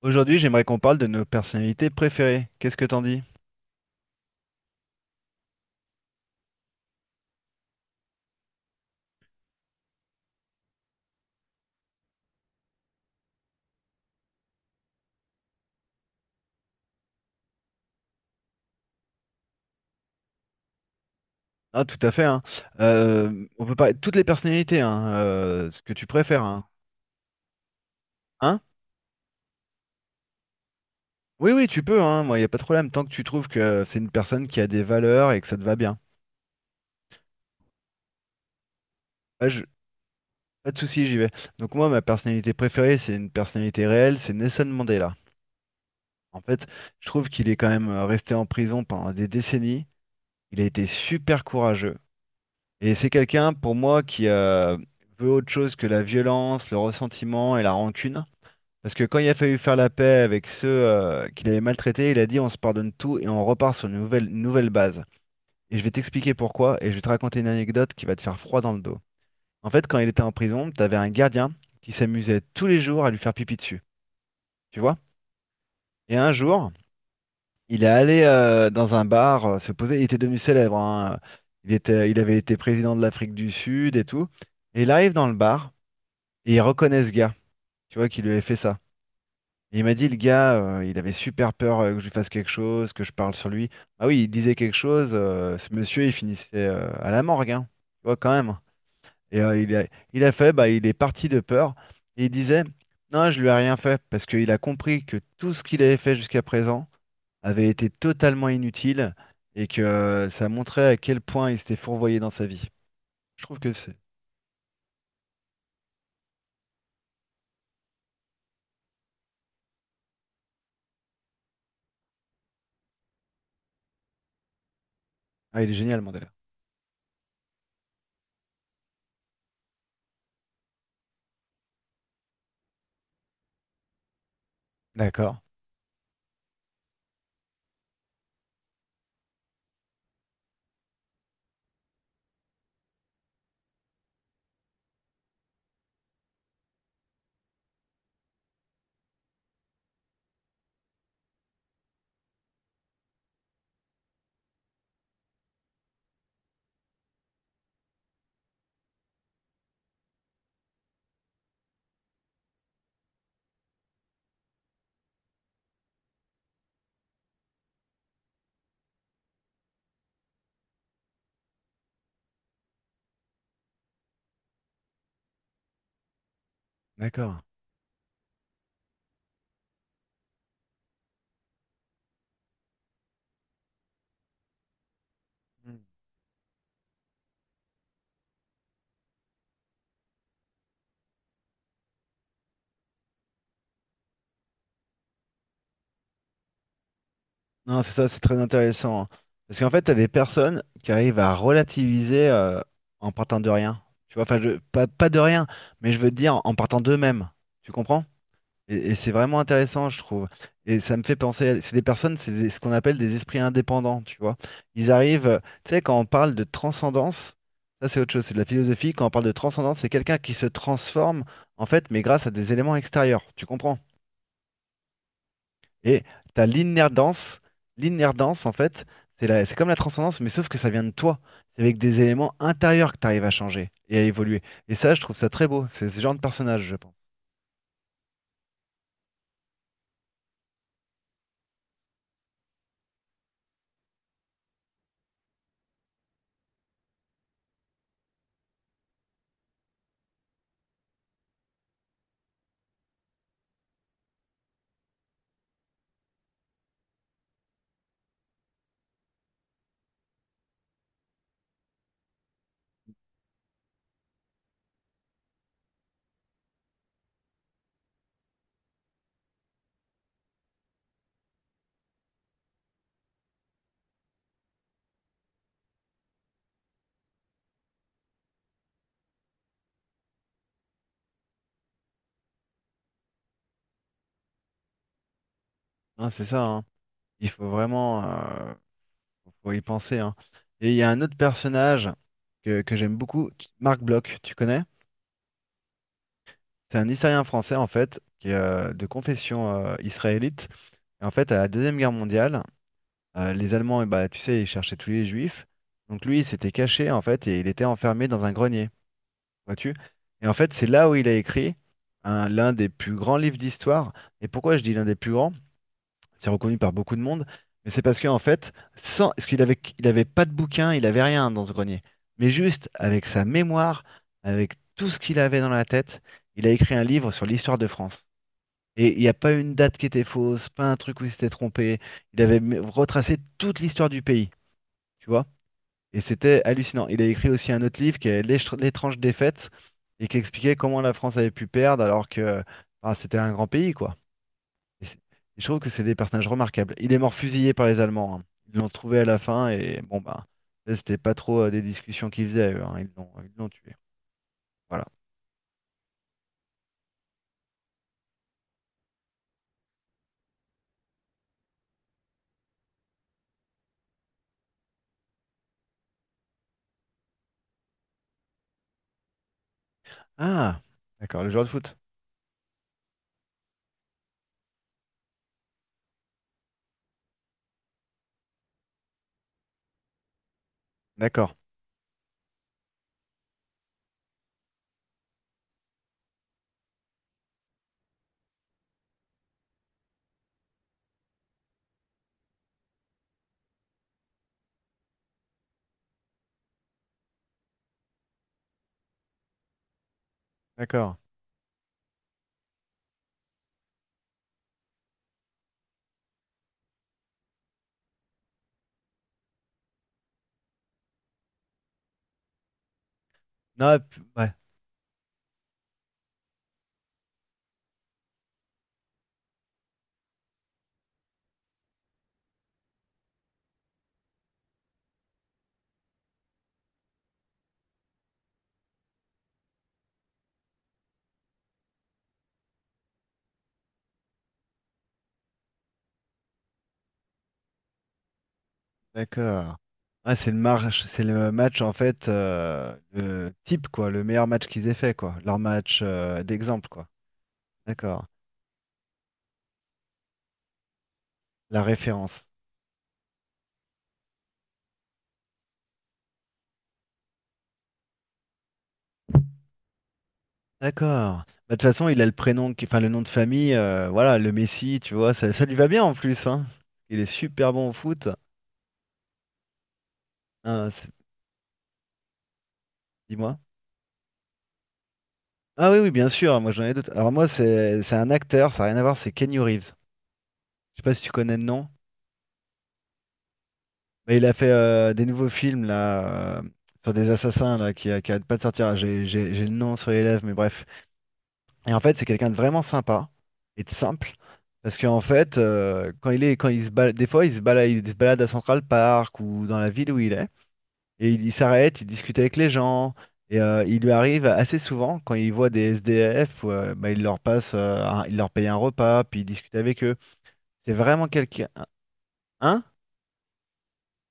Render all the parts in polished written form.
Aujourd'hui, j'aimerais qu'on parle de nos personnalités préférées. Qu'est-ce que t'en dis? Ah, tout à fait, hein. On peut parler de toutes les personnalités, hein, ce que tu préfères, hein. Hein? Oui, oui, tu peux, hein. Moi, il n'y a pas de problème, tant que tu trouves que c'est une personne qui a des valeurs et que ça te va bien. Pas, je- pas de souci, j'y vais. Donc moi, ma personnalité préférée, c'est une personnalité réelle, c'est Nelson Mandela. En fait, je trouve qu'il est quand même resté en prison pendant des décennies. Il a été super courageux. Et c'est quelqu'un, pour moi, qui veut autre chose que la violence, le ressentiment et la rancune. Parce que quand il a fallu faire la paix avec ceux qu'il avait maltraités, il a dit on se pardonne tout et on repart sur une nouvelle base. Et je vais t'expliquer pourquoi et je vais te raconter une anecdote qui va te faire froid dans le dos. En fait, quand il était en prison, t'avais un gardien qui s'amusait tous les jours à lui faire pipi dessus, tu vois? Et un jour, il est allé dans un bar se poser. Il était devenu célèbre, hein. Il avait été président de l'Afrique du Sud et tout. Et il arrive dans le bar. Et il reconnaît ce gars, tu vois, qui lui avait fait ça. Et il m'a dit, le gars, il avait super peur que je lui fasse quelque chose, que je parle sur lui. Ah oui, il disait quelque chose, ce monsieur, il finissait à la morgue, hein, tu vois, quand même. Et il a fait, bah, il est parti de peur. Et il disait, non, je lui ai rien fait, parce qu'il a compris que tout ce qu'il avait fait jusqu'à présent avait été totalement inutile et que ça montrait à quel point il s'était fourvoyé dans sa vie. Je trouve que c'est. Ah, il est génial, Mandela. D'accord, d'accord. Non, c'est ça, c'est très intéressant, hein. Parce qu'en fait, t'as des personnes qui arrivent à relativiser en partant de rien. Tu vois, enfin, pas de rien, mais je veux te dire en partant d'eux-mêmes. Tu comprends? Et c'est vraiment intéressant, je trouve. Et ça me fait penser, c'est des personnes, ce qu'on appelle des esprits indépendants, tu vois. Ils arrivent, tu sais, quand on parle de transcendance, ça c'est autre chose, c'est de la philosophie. Quand on parle de transcendance, c'est quelqu'un qui se transforme, en fait, mais grâce à des éléments extérieurs. Tu comprends? Et t'as l'inerdance. L'inerdance, en fait, c'est comme la transcendance, mais sauf que ça vient de toi. C'est avec des éléments intérieurs que tu arrives à changer et à évoluer. Et ça, je trouve ça très beau. C'est ce genre de personnage, je pense. Hein, c'est ça, hein. Il faut vraiment faut y penser, hein. Et il y a un autre personnage que j'aime beaucoup, Marc Bloch, tu connais? C'est un historien français, en fait, qui est de confession israélite. Et en fait, à la Deuxième Guerre mondiale, les Allemands, eh bah, tu sais, ils cherchaient tous les Juifs. Donc lui, il s'était caché, en fait, et il était enfermé dans un grenier, vois-tu? Et en fait, c'est là où il a écrit l'un des plus grands livres d'histoire. Et pourquoi je dis l'un des plus grands? C'est reconnu par beaucoup de monde. Mais c'est parce qu'en fait, sans, parce qu'il avait pas de bouquin, il avait rien dans ce grenier. Mais juste avec sa mémoire, avec tout ce qu'il avait dans la tête, il a écrit un livre sur l'histoire de France. Et il n'y a pas une date qui était fausse, pas un truc où il s'était trompé. Il avait retracé toute l'histoire du pays, tu vois. Et c'était hallucinant. Il a écrit aussi un autre livre qui est L'étrange défaite et qui expliquait comment la France avait pu perdre alors que ah, c'était un grand pays, quoi. Et c'est- et je trouve que c'est des personnages remarquables. Il est mort fusillé par les Allemands, hein. Ils l'ont trouvé à la fin et bon, bah, là, c'était pas trop des discussions qu'ils faisaient, eux, hein. Ils l'ont tué. Voilà. Ah, d'accord, le joueur de foot. D'accord, d'accord. Non, et ouais. D'accord. Ah, c'est le match en fait le type quoi, le meilleur match qu'ils aient fait quoi, leur match d'exemple quoi. D'accord. La référence. D'accord. Bah, de toute façon, il a le prénom, enfin le nom de famille, voilà, le Messi, tu vois, ça lui va bien en plus, hein. Il est super bon au foot. Hein, dis-moi. Ah oui, oui, bien sûr, moi j'en ai d'autres. Alors moi, c'est un acteur, ça n'a rien à voir, c'est Kenny Reeves. Je sais pas si tu connais le nom. Mais il a fait des nouveaux films là sur des assassins là qui arrêtent pas de sortir. J'ai le nom sur les lèvres, mais bref. Et en fait, c'est quelqu'un de vraiment sympa et de simple. Parce qu'en fait, quand quand il se balade, des fois, il se balade à Central Park ou dans la ville où il est, et il s'arrête, il discute avec les gens, et il lui arrive assez souvent quand il voit des SDF, ou, bah, il leur paye un repas, puis il discute avec eux. C'est vraiment quelqu'un, hein?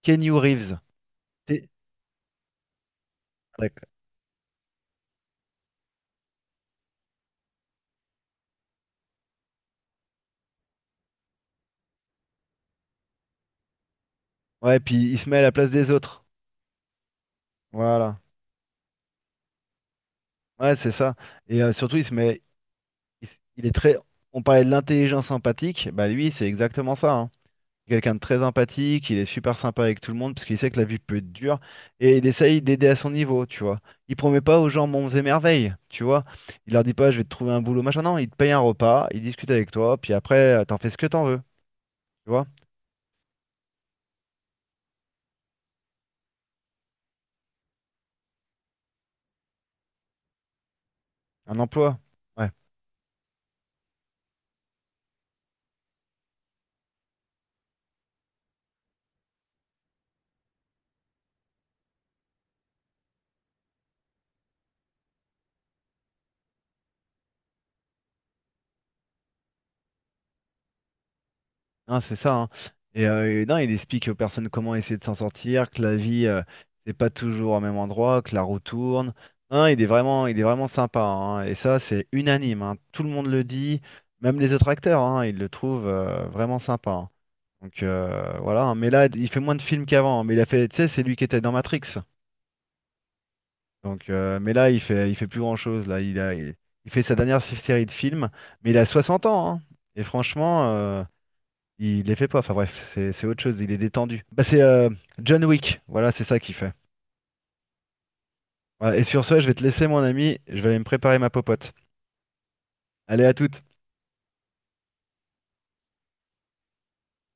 Keanu Reeves. C'est- like, Ouais, puis il se met à la place des autres. Voilà. Ouais, c'est ça. Et surtout, il se met. Il est très. On parlait de l'intelligence empathique. Bah lui, c'est exactement ça, hein. C'est quelqu'un de très empathique. Il est super sympa avec tout le monde parce qu'il sait que la vie peut être dure. Et il essaye d'aider à son niveau, tu vois. Il promet pas aux gens monts et merveilles, tu vois. Il leur dit pas, je vais te trouver un boulot, machin. Non, il te paye un repas. Il discute avec toi. Puis après, t'en fais ce que t'en veux. Tu vois. Un emploi. Ouais. Hein, c'est ça, hein. Et non, il explique aux personnes comment essayer de s'en sortir, que la vie, c'est pas toujours au même endroit, que la roue tourne. Hein, il est vraiment sympa, hein. Et ça, c'est unanime, hein. Tout le monde le dit, même les autres acteurs, hein, ils le trouvent vraiment sympa, hein. Donc voilà, hein. Mais là, il fait moins de films qu'avant, hein. Mais il a fait, tu sais, c'est lui qui était dans Matrix. Mais là, il fait, plus grand-chose. Là, il fait sa dernière série de films, mais il a 60 ans, hein. Et franchement, il les fait pas, enfin bref, c'est autre chose, il est détendu. Bah c'est John Wick, voilà, c'est ça qu'il fait. Voilà, et sur ce, je vais te laisser mon ami, je vais aller me préparer ma popote. Allez à toutes.